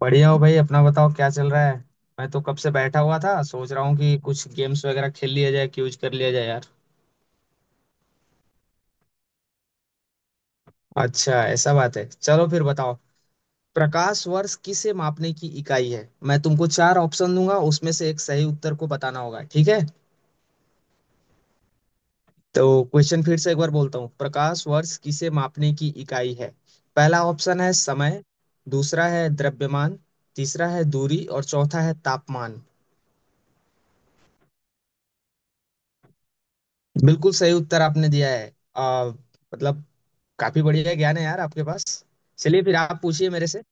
बढ़िया हो भाई। अपना बताओ क्या चल रहा है। मैं तो कब से बैठा हुआ था, सोच रहा हूँ कि कुछ गेम्स वगैरह खेल लिया जाए, क्यूज कर लिया जाए यार। अच्छा ऐसा बात है, चलो फिर बताओ। प्रकाश वर्ष किसे मापने की इकाई है? मैं तुमको चार ऑप्शन दूंगा, उसमें से एक सही उत्तर को बताना होगा। ठीक है, तो क्वेश्चन फिर से एक बार बोलता हूँ। प्रकाश वर्ष किसे मापने की इकाई है? पहला ऑप्शन है समय, दूसरा है द्रव्यमान, तीसरा है दूरी और चौथा है तापमान। बिल्कुल सही उत्तर आपने दिया है। आ, मतलब काफी बढ़िया ज्ञान है यार आपके पास। चलिए फिर आप पूछिए मेरे से।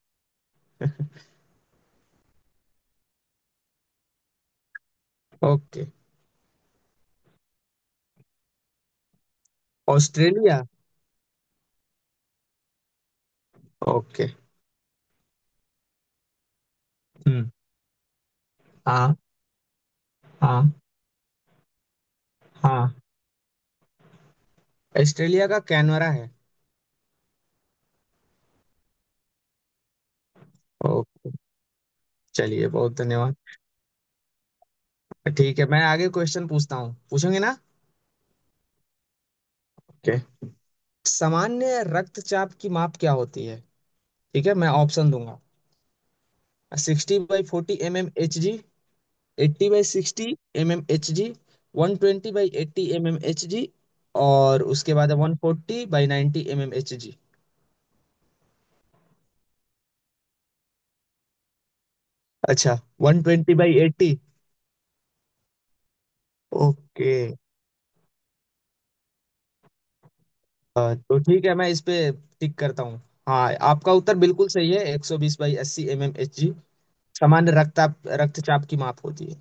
ओके। ऑस्ट्रेलिया। ओके। हम्म। हाँ। हाँ। हाँ। ऑस्ट्रेलिया का कैनवरा है। ओके, चलिए बहुत धन्यवाद। ठीक है, मैं आगे क्वेश्चन पूछता हूँ, पूछेंगे ना? ओके। सामान्य रक्तचाप की माप क्या होती है? ठीक है, मैं ऑप्शन दूंगा। 60/40 mmHg, 80/60 mmHg, 120/80 mmHg, और उसके बाद 140/90 mmHg। अच्छा, 120/80। ओके। तो ठीक है, मैं इस पे टिक करता हूँ। हाँ, आपका उत्तर बिल्कुल सही है। 120/80 mmHg सामान्य रक्ताप रक्तचाप की माप होती है।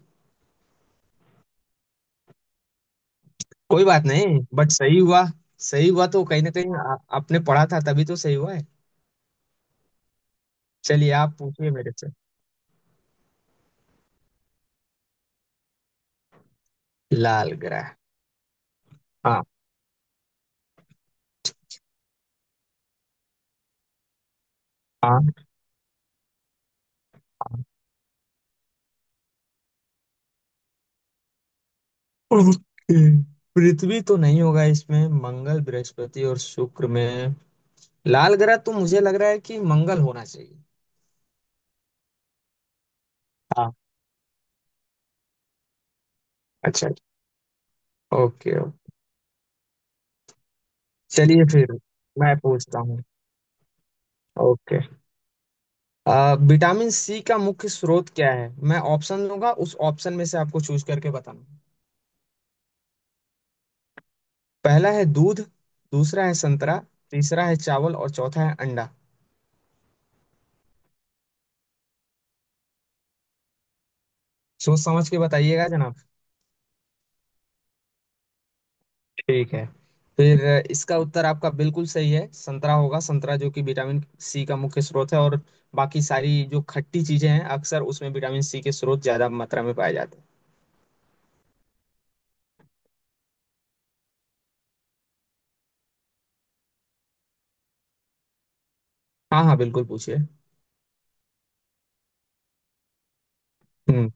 कोई बात नहीं, बट सही हुआ। सही हुआ तो कहीं ना कहीं आपने पढ़ा था, तभी तो सही हुआ है। चलिए आप पूछिए मेरे से। लाल ग्रह। हाँ। हाँ। हाँ। ओके। पृथ्वी तो नहीं होगा, इसमें मंगल, बृहस्पति और शुक्र में लाल ग्रह तो मुझे लग रहा है कि मंगल होना चाहिए। हाँ। अच्छा, ओके ओके। चलिए फिर मैं पूछता हूँ। ओके। विटामिन सी का मुख्य स्रोत क्या है? मैं ऑप्शन दूंगा, उस ऑप्शन में से आपको चूज करके बताना। पहला है दूध, दूसरा है संतरा, तीसरा है चावल और चौथा है अंडा। सोच समझ के बताइएगा जनाब। ठीक है, फिर इसका उत्तर आपका बिल्कुल सही है। संतरा होगा, संतरा, जो कि विटामिन सी का मुख्य स्रोत है, और बाकी सारी जो खट्टी चीजें हैं अक्सर उसमें विटामिन सी के स्रोत ज्यादा मात्रा में पाए जाते हैं। हाँ हाँ, बिल्कुल पूछिए। हम्म।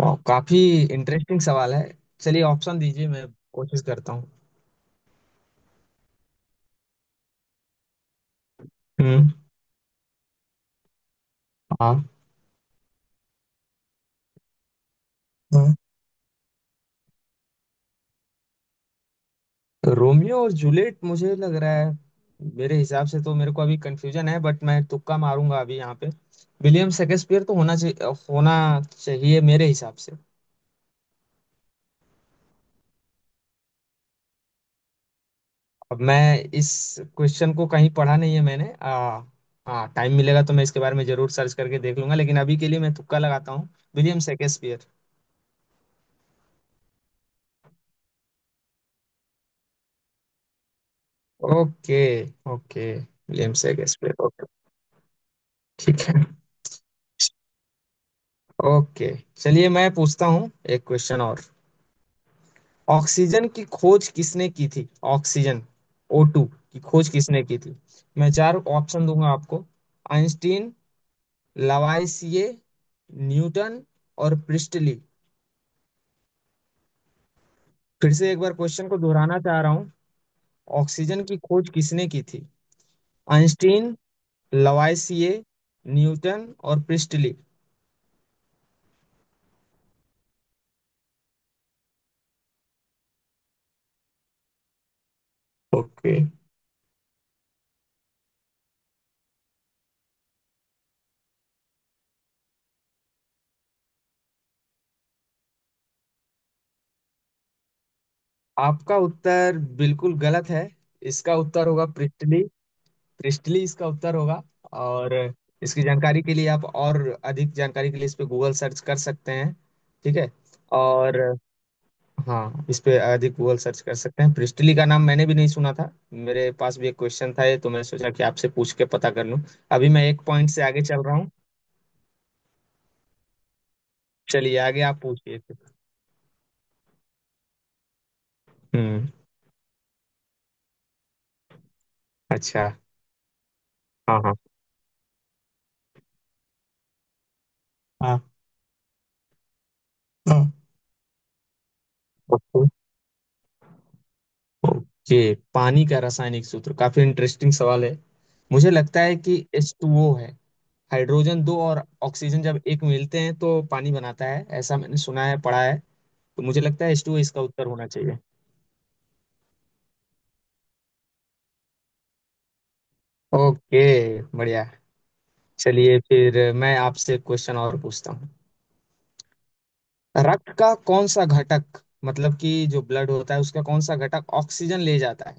वाह, काफी इंटरेस्टिंग सवाल है। चलिए ऑप्शन दीजिए, मैं कोशिश करता हूँ। हम्म। हाँ। हाँ। रोमियो और जूलियट मुझे लग रहा है, मेरे हिसाब से तो मेरे को अभी कंफ्यूजन है, बट मैं तुक्का मारूंगा अभी यहाँ पे। विलियम शेक्सपियर तो होना चाहिए, होना चाहिए मेरे हिसाब से। अब मैं इस क्वेश्चन को कहीं पढ़ा नहीं है मैंने। हाँ, टाइम मिलेगा तो मैं इसके बारे में जरूर सर्च करके देख लूंगा, लेकिन अभी के लिए मैं तुक्का लगाता हूँ, William Shakespeare. Okay. Okay, William Shakespeare, okay. ठीक है। ओके, चलिए मैं पूछता हूँ एक क्वेश्चन और। ऑक्सीजन की खोज किसने की थी? ऑक्सीजन, O2 की खोज किसने की थी? मैं चार ऑप्शन दूंगा आपको। आइंस्टीन, लवाइसिए, न्यूटन और प्रिस्टली। फिर से एक बार क्वेश्चन को दोहराना चाह रहा हूँ। ऑक्सीजन की खोज किसने की थी? आइंस्टीन, लवाइसिए, न्यूटन और प्रिस्टली। ओके। आपका उत्तर बिल्कुल गलत है। इसका उत्तर होगा प्रिस्टली। क्रिस्टली इसका उत्तर होगा। और इसकी जानकारी के लिए आप और अधिक जानकारी के लिए इस पे गूगल सर्च कर सकते हैं। ठीक है। और हाँ, इस पे अधिक गूगल सर्च कर सकते हैं। प्रिस्टली का नाम मैंने भी नहीं सुना था, मेरे पास भी एक क्वेश्चन था ये, तो मैं सोचा कि आपसे पूछ के पता कर लूं। अभी मैं एक पॉइंट से आगे चल रहा हूँ। चलिए आगे, आप पूछिए। हम्म। अच्छा। हाँ हाँ। हाँ। हाँ। ओके। ओके, पानी का रासायनिक सूत्र काफी इंटरेस्टिंग सवाल है। मुझे लगता है कि एच टू ओ है। हाइड्रोजन दो और ऑक्सीजन जब एक मिलते हैं तो पानी बनाता है, ऐसा मैंने सुना है, पढ़ा है। तो मुझे लगता है H2 इसका उत्तर होना चाहिए। ओके, बढ़िया। चलिए फिर मैं आपसे क्वेश्चन और पूछता हूँ। रक्त का कौन सा घटक, मतलब कि जो ब्लड होता है उसका कौन सा घटक ऑक्सीजन ले जाता है?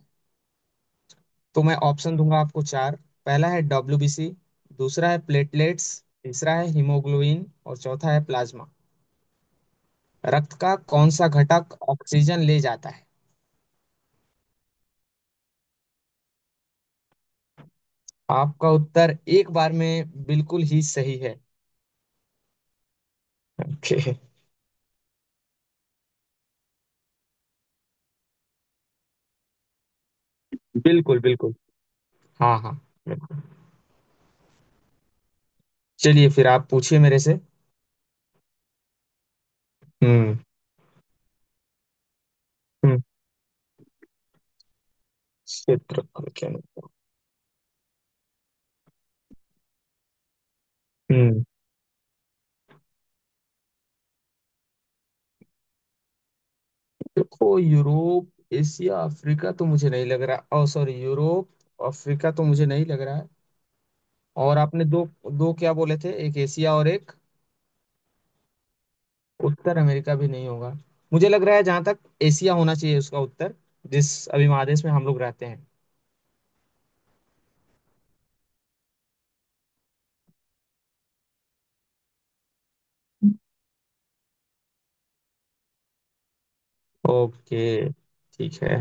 तो मैं ऑप्शन दूंगा आपको चार। पहला है डब्ल्यूबीसी, दूसरा है प्लेटलेट्स, तीसरा है हीमोग्लोबिन और चौथा है प्लाज्मा। रक्त का कौन सा घटक ऑक्सीजन ले जाता है? आपका उत्तर एक बार में बिल्कुल ही सही है। ओके। बिल्कुल बिल्कुल। हाँ हाँ, बिल्कुल। चलिए फिर आप पूछिए मेरे से। हम्म। हम्म। क्षेत्रफल के अनुसार। हम्म। देखो, यूरोप एशिया अफ्रीका तो मुझे नहीं लग रहा, ओ सॉरी, यूरोप अफ्रीका तो मुझे नहीं लग रहा है। और आपने दो, दो क्या बोले थे? एक एशिया और एक उत्तर अमेरिका भी नहीं होगा। मुझे लग रहा है जहां तक एशिया होना चाहिए उसका उत्तर, जिस अभी महादेश में हम लोग रहते हैं। ओके, ठीक है।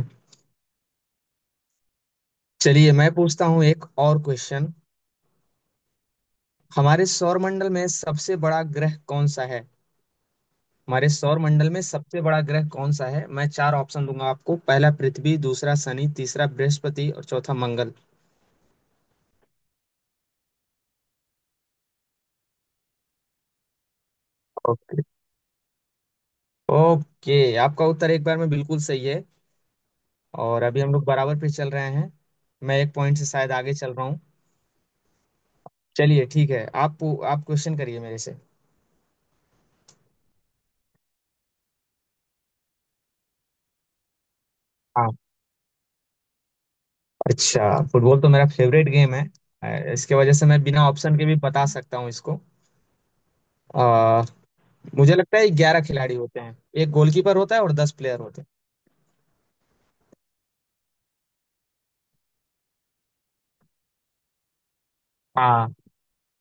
चलिए मैं पूछता हूँ एक और क्वेश्चन। हमारे सौरमंडल में सबसे बड़ा ग्रह कौन सा है? हमारे सौरमंडल में सबसे बड़ा ग्रह कौन सा है? मैं चार ऑप्शन दूंगा आपको। पहला पृथ्वी, दूसरा शनि, तीसरा बृहस्पति और चौथा मंगल। ओके ओके, आपका उत्तर एक बार में बिल्कुल सही है। और अभी हम लोग बराबर पे चल रहे हैं, मैं एक पॉइंट से शायद आगे चल रहा हूँ। चलिए ठीक है, आप क्वेश्चन करिए मेरे से। हाँ, अच्छा, फुटबॉल तो मेरा फेवरेट गेम है। इसके वजह से मैं बिना ऑप्शन के भी बता सकता हूँ इसको। अ, मुझे लगता है 11 खिलाड़ी होते हैं। एक गोलकीपर होता है और 10 प्लेयर होते हैं। हाँ।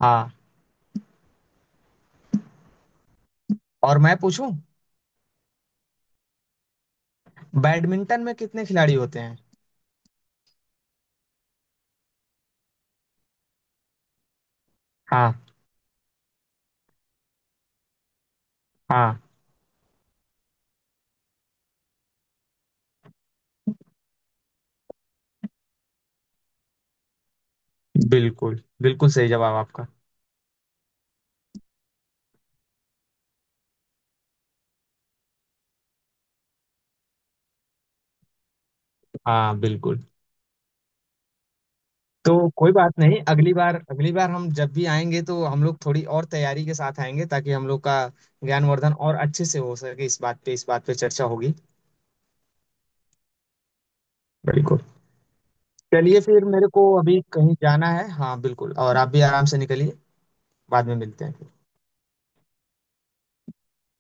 हाँ। और मैं पूछूं, बैडमिंटन में कितने खिलाड़ी होते हैं? हाँ हाँ, बिल्कुल बिल्कुल सही जवाब आपका। हाँ बिल्कुल। तो कोई बात नहीं, अगली बार, अगली बार हम जब भी आएंगे तो हम लोग थोड़ी और तैयारी के साथ आएंगे, ताकि हम लोग का ज्ञानवर्धन और अच्छे से हो सके। इस बात पे चर्चा होगी। बिल्कुल। चलिए फिर, मेरे को अभी कहीं जाना है। हाँ बिल्कुल, और आप भी आराम से निकलिए। बाद में मिलते हैं।